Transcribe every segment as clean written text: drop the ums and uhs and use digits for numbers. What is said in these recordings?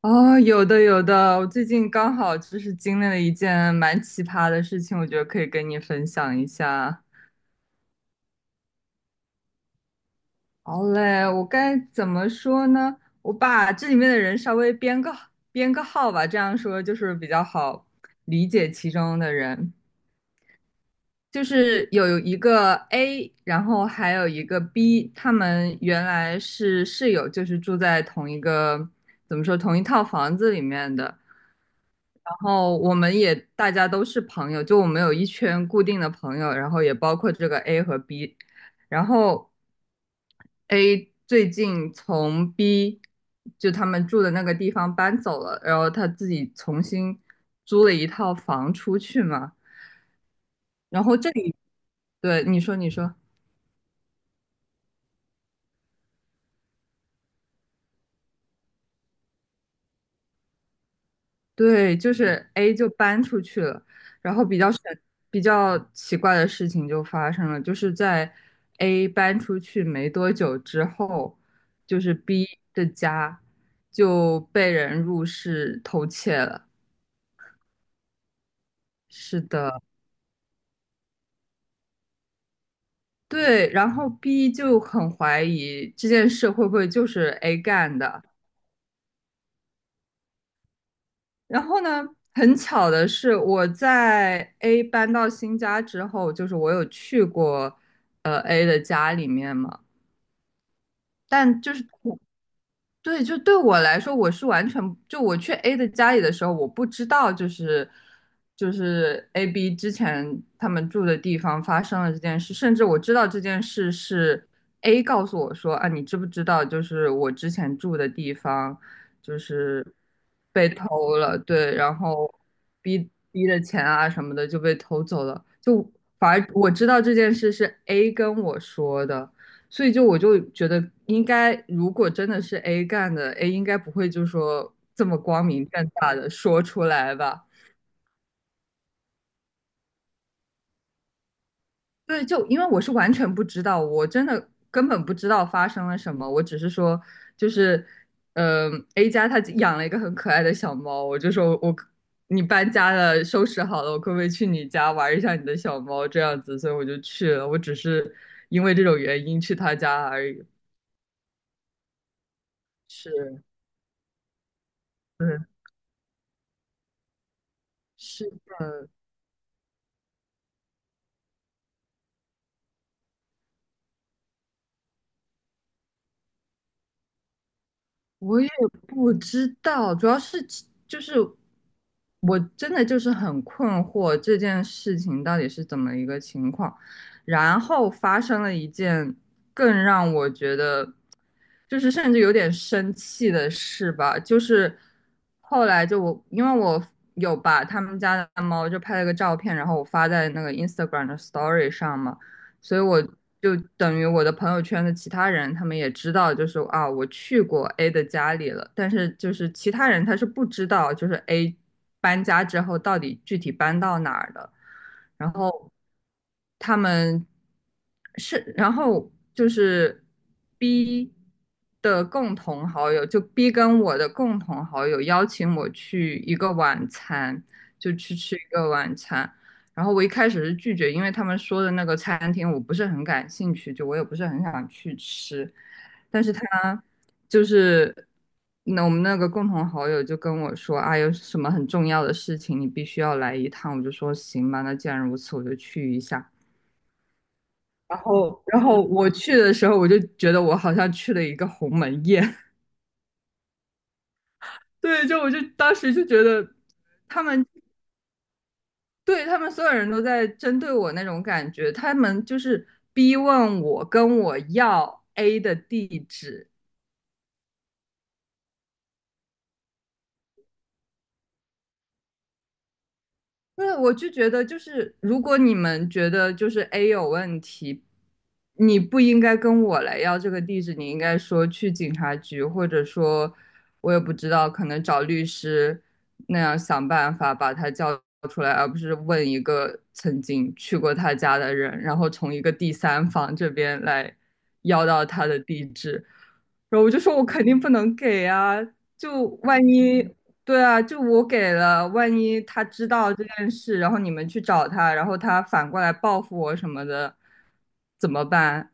哦，有的有的，我最近刚好就是经历了一件蛮奇葩的事情，我觉得可以跟你分享一下。好嘞，我该怎么说呢？我把这里面的人稍微编个号吧，这样说就是比较好理解其中的人。就是有一个 A，然后还有一个 B，他们原来是室友，就是住在同一个，怎么说，同一套房子里面的。然后我们也大家都是朋友，就我们有一圈固定的朋友，然后也包括这个 A 和 B。然后 A 最近从 B 就他们住的那个地方搬走了，然后他自己重新租了一套房出去嘛。然后这里，对，你说，你说，对，就是 A 就搬出去了，然后比较奇怪的事情就发生了，就是在 A 搬出去没多久之后，就是 B 的家就被人入室偷窃了。是的，对，然后 B 就很怀疑这件事会不会就是 A 干的，然后呢，很巧的是，我在 A 搬到新家之后，就是我有去过A 的家里面嘛，但就是对，就对我来说，我是完全就我去 A 的家里的时候，我不知道就是 A、B 之前他们住的地方发生了这件事，甚至我知道这件事是 A 告诉我说啊，你知不知道就是我之前住的地方就是被偷了，对，然后 B 的钱啊什么的就被偷走了，就反而我知道这件事是 A 跟我说的。所以就我就觉得应该，如果真的是 A 干的，A 应该不会就说这么光明正大的说出来吧？对，就因为我是完全不知道，我真的根本不知道发生了什么，我只是说就是，a 家他养了一个很可爱的小猫，我就说你搬家了，收拾好了，我可不可以去你家玩一下你的小猫这样子？所以我就去了，我只是因为这种原因去他家而已。是，嗯，是我也不知道，主要是就是我真的就是很困惑这件事情到底是怎么一个情况，然后发生了一件更让我觉得就是甚至有点生气的事吧，就是后来就我因为我有把他们家的猫就拍了个照片，然后我发在那个 Instagram 的 Story 上嘛。所以我就等于我的朋友圈的其他人，他们也知道，就是啊，我去过 A 的家里了，但是就是其他人他是不知道，就是 A 搬家之后到底具体搬到哪儿的，然后他们是，然后就是 B 的共同好友，就 B 跟我的共同好友邀请我去一个晚餐，就去吃一个晚餐。然后我一开始是拒绝，因为他们说的那个餐厅我不是很感兴趣，就我也不是很想去吃。但是他就是那我们那个共同好友就跟我说啊，有什么很重要的事情你必须要来一趟。我就说行吧，那既然如此，我就去一下。然后我去的时候，我就觉得我好像去了一个鸿门宴。对，就我就当时就觉得他们对，他们所有人都在针对我那种感觉，他们就是逼问我跟我要 A 的地址，那我就觉得，就是如果你们觉得就是 A 有问题，你不应该跟我来要这个地址，你应该说去警察局，或者说，我也不知道，可能找律师那样想办法把他叫出来，而不是问一个曾经去过他家的人，然后从一个第三方这边来要到他的地址。然后我就说，我肯定不能给啊，就万一对啊，就我给了，万一他知道这件事，然后你们去找他，然后他反过来报复我什么的，怎么办？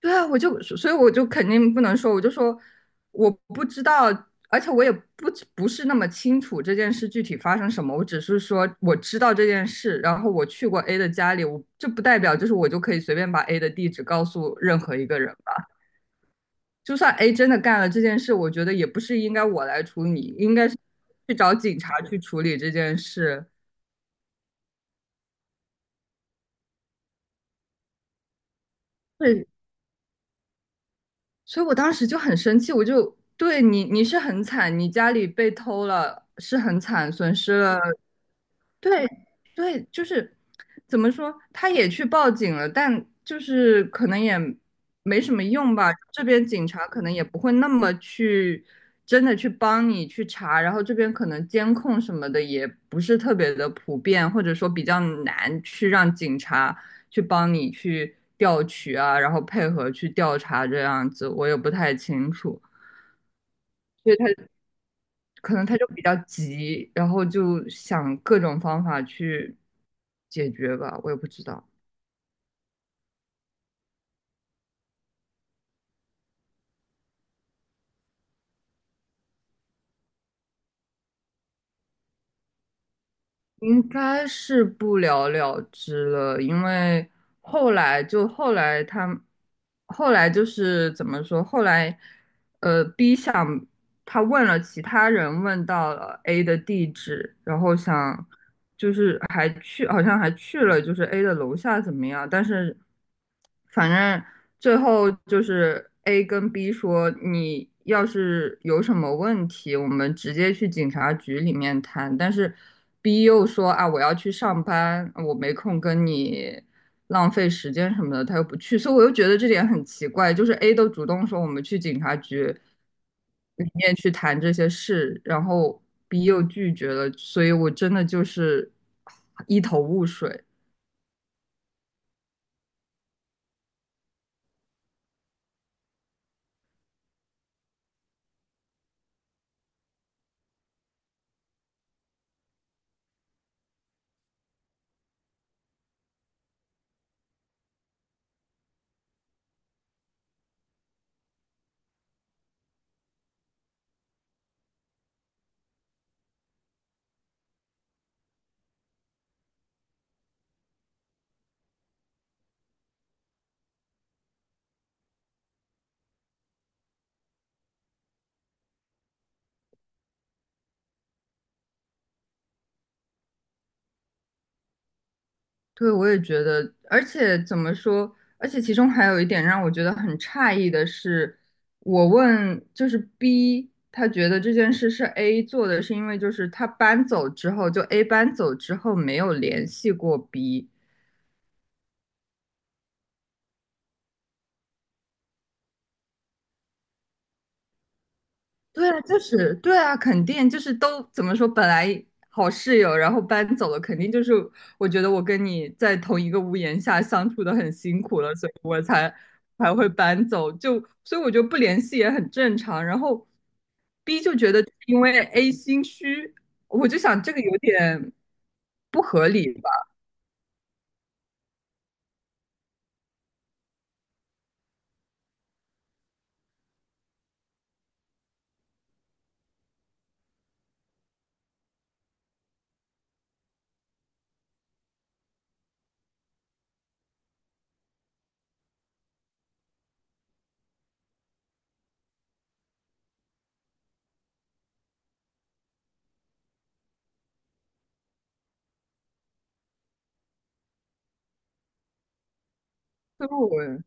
对啊，所以我就肯定不能说，我就说我不知道，而且我也不是那么清楚这件事具体发生什么，我只是说我知道这件事，然后我去过 A 的家里，我这不代表就是我就可以随便把 A 的地址告诉任何一个人。就算 A 真的干了这件事，我觉得也不是应该我来处理，应该是去找警察去处理这件事。对，所以我当时就很生气，我就对你，是很惨，你家里被偷了，是很惨，损失了对对，就是怎么说，他也去报警了，但就是可能也没什么用吧。这边警察可能也不会那么去真的去帮你去查，然后这边可能监控什么的也不是特别的普遍，或者说比较难去让警察去帮你去调取啊，然后配合去调查这样子，我也不太清楚。可能他就比较急，然后就想各种方法去解决吧，我也不知道，应该是不了了之了，因为后来就后来他后来就是怎么说，后来B 想他问了其他人，问到了 A 的地址，然后想就是还去，好像还去了就是 A 的楼下怎么样？但是反正最后就是 A 跟 B 说，你要是有什么问题，我们直接去警察局里面谈。但是 B 又说啊，我要去上班，我没空跟你。浪费时间什么的，他又不去，所以我又觉得这点很奇怪。就是 A 都主动说我们去警察局，里面去谈这些事，然后 B 又拒绝了，所以我真的就是一头雾水。对，我也觉得，而且怎么说，而且其中还有一点让我觉得很诧异的是，我问就是 B,他觉得这件事是 A 做的，是因为就是他搬走之后，就 A 搬走之后没有联系过 B。对啊，就是对啊，肯定就是都怎么说，本来好室友，然后搬走了，肯定就是我觉得我跟你在同一个屋檐下相处的很辛苦了，所以我才会搬走，就所以我觉得不联系也很正常。然后 B 就觉得因为 A 心虚，我就想这个有点不合理吧，所以我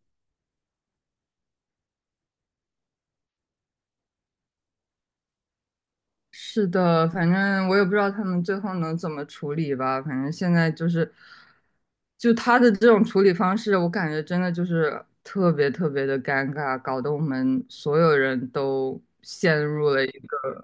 是的，反正我也不知道他们最后能怎么处理吧。反正现在就是，就他的这种处理方式，我感觉真的就是特别特别的尴尬，搞得我们所有人都陷入了一个，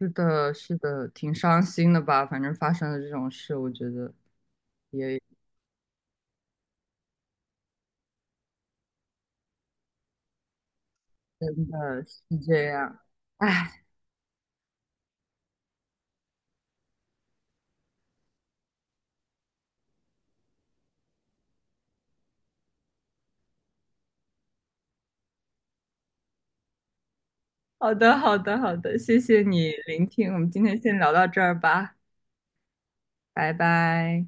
是的，是的，挺伤心的吧。反正发生了这种事，我觉得真的是这样。唉，好的，好的，好的，谢谢你聆听，我们今天先聊到这儿吧，拜拜。